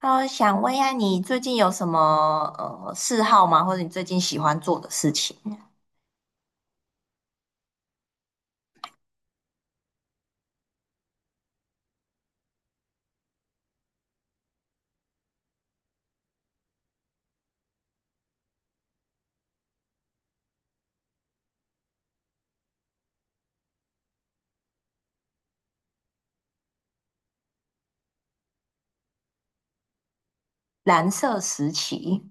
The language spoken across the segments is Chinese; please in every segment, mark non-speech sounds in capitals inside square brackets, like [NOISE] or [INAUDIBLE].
哦，想问一下，你最近有什么嗜好吗？或者你最近喜欢做的事情？蓝色时期。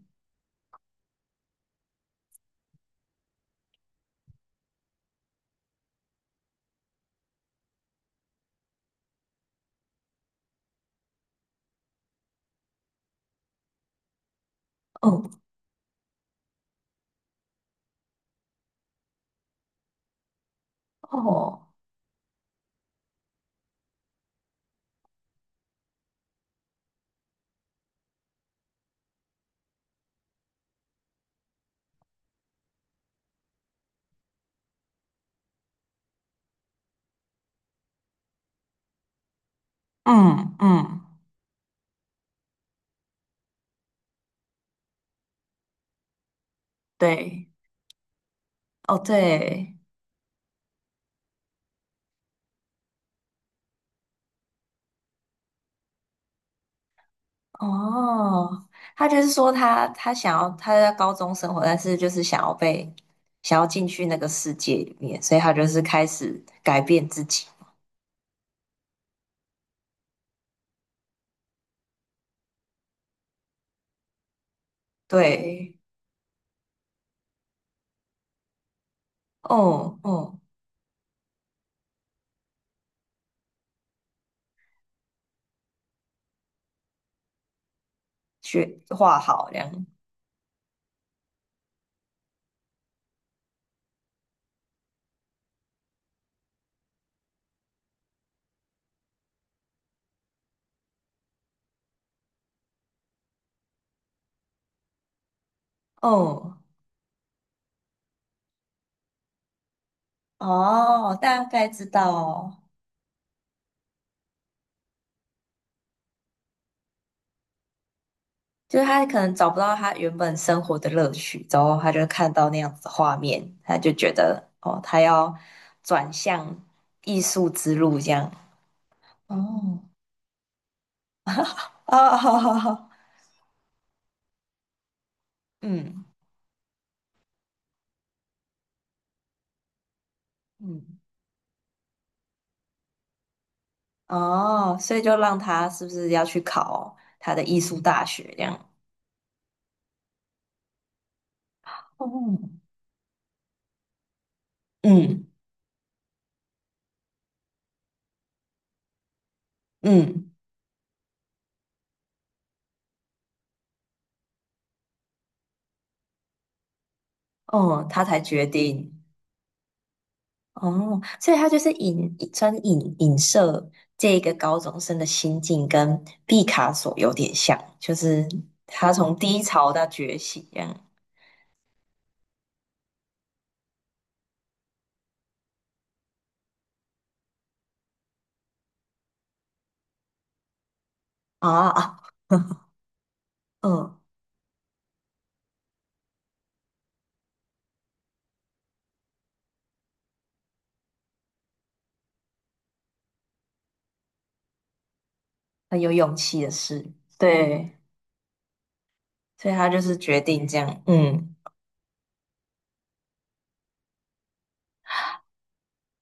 哦哦。嗯嗯。对。哦对。哦，他就是说他想要他在高中生活，但是就是想要进去那个世界里面，所以他就是开始改变自己。对。哦哦。学画好这样。哦哦，大概知道哦。就是他可能找不到他原本生活的乐趣，之后他就看到那样子的画面，他就觉得哦，他要转向艺术之路这样。哦。哦，[LAUGHS] 好好好。嗯嗯。哦，所以就让他是不是要去考他的艺术大学这样？哦。嗯嗯。哦，他才决定。哦，所以他就是影专影影射这个高中生的心境，跟毕卡索有点像，就是他从低潮到觉醒这样。啊啊。嗯。很有勇气的事。对，所以他就是决定这样。嗯。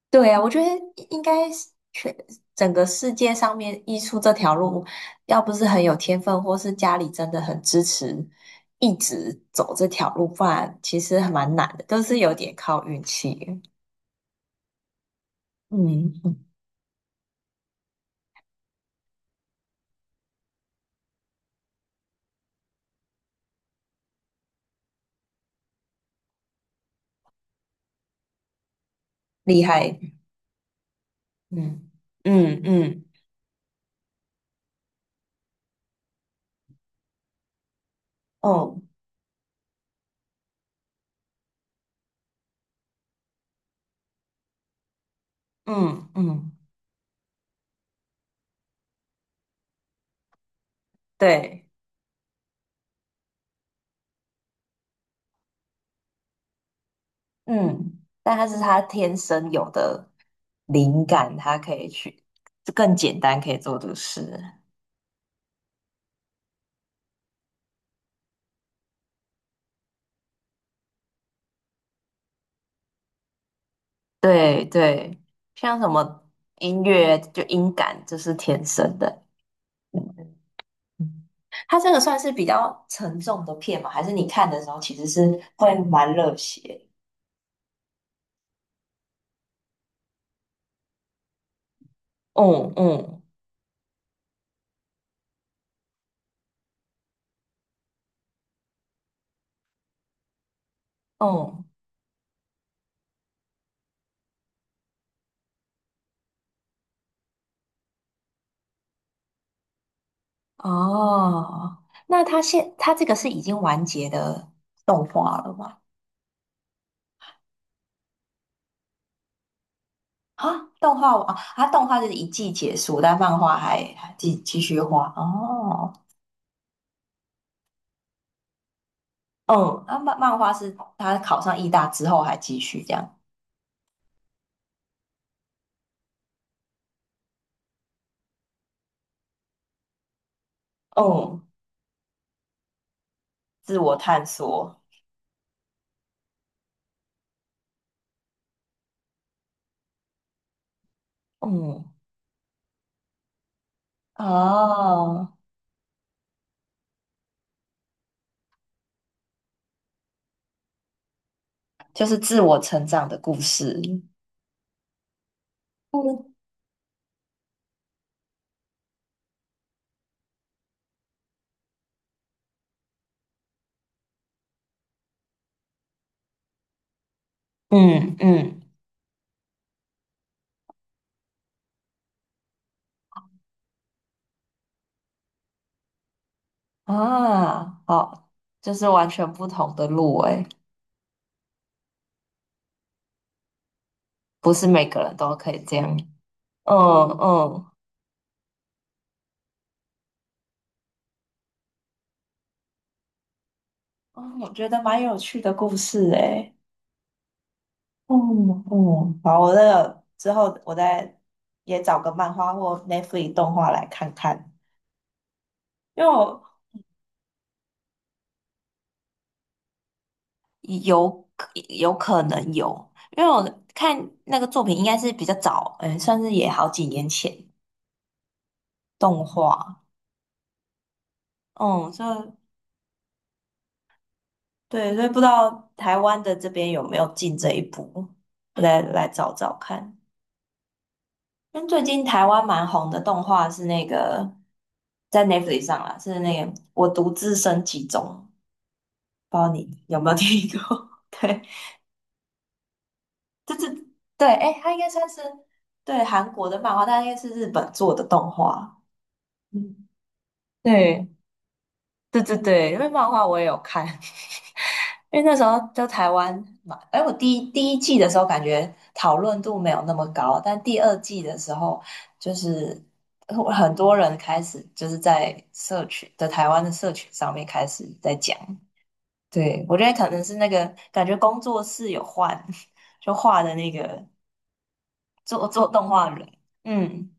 对啊，我觉得应该是整个世界上面艺术这条路，要不是很有天分，或是家里真的很支持，一直走这条路，不然其实还蛮难的，都是有点靠运气。嗯嗯。厉害。嗯。嗯嗯。哦。嗯嗯。对。嗯。但他是他天生有的灵感，他可以去更简单可以做的事。对对。像什么音乐就音感就是天生的。嗯。它这个算是比较沉重的片吗？还是你看的时候其实是会蛮热血？嗯嗯嗯。哦，那他这个是已经完结的动画了吗？啊，动画啊，它动画就是一季结束，但漫画还继续画。哦。嗯，那漫画是他考上艺大之后还继续这样。嗯，自我探索。嗯。哦，就是自我成长的故事。嗯。嗯嗯。啊，好，就是完全不同的路诶。不是每个人都可以这样。嗯嗯。嗯，我觉得蛮有趣的故事诶。嗯嗯。好，我那个之后我再也找个漫画或 Netflix 动画来看看。因为我有。有可能有，因为我看那个作品应该是比较早。嗯，算是也好几年前动画。嗯，所以对，所以不知道台湾的这边有没有进这一步，我再来找找看。因为最近台湾蛮红的动画是那个在 Netflix 上啦，是那个《我独自升级中》，不知道你有没有听过？[LAUGHS] 对。就是对，哎，它应该算是对韩国的漫画，但应该是日本做的动画。嗯。对。对对对，因为漫画我也有看。因为那时候就台湾嘛，哎，我第一季的时候感觉讨论度没有那么高，但第二季的时候，就是很多人开始就是在社群的台湾的社群上面开始在讲。对，我觉得可能是那个感觉工作室有换，[LAUGHS] 就画的那个做动画人。嗯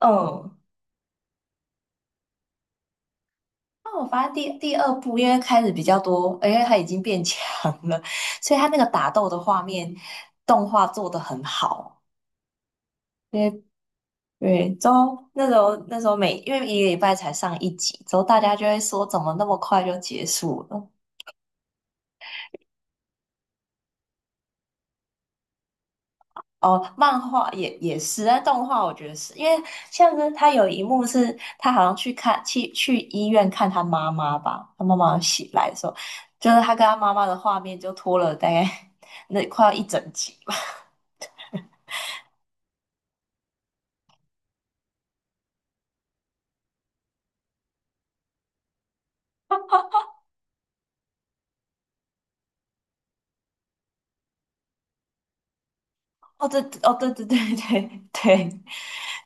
嗯。那我发现第二部，因为开始比较多，因为他已经变强了，所以他那个打斗的画面动画做得很好。对对。之后那时候每因为一个礼拜才上一集，之后大家就会说怎么那么快就结束了？哦，漫画也也是，但动画我觉得是因为像是他有一幕是他好像去医院看他妈妈吧，他妈妈醒来的时候，就是他跟他妈妈的画面就拖了大概 [LAUGHS] 那快要一整集吧。哦，对，哦，对对对对对，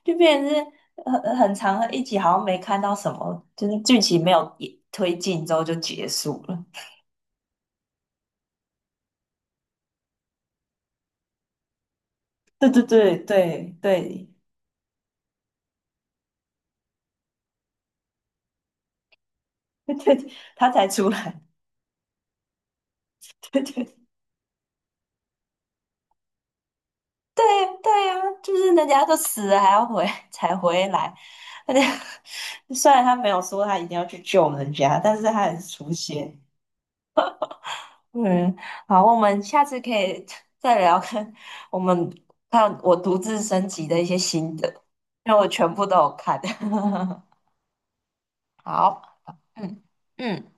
就变成是很很长的一集，好像没看到什么，就是剧情没有也推进之后就结束了。对对对对对对。对他才出来。对对对。对呀，就是人家都死了还要回才回来，[LAUGHS] 而且虽然他没有说他一定要去救人家，但是他很出现。嗯，好，我们下次可以 [LAUGHS] 再聊看我们看我独自升级的一些心得，因为我全部都有看。[LAUGHS] 好。嗯嗯。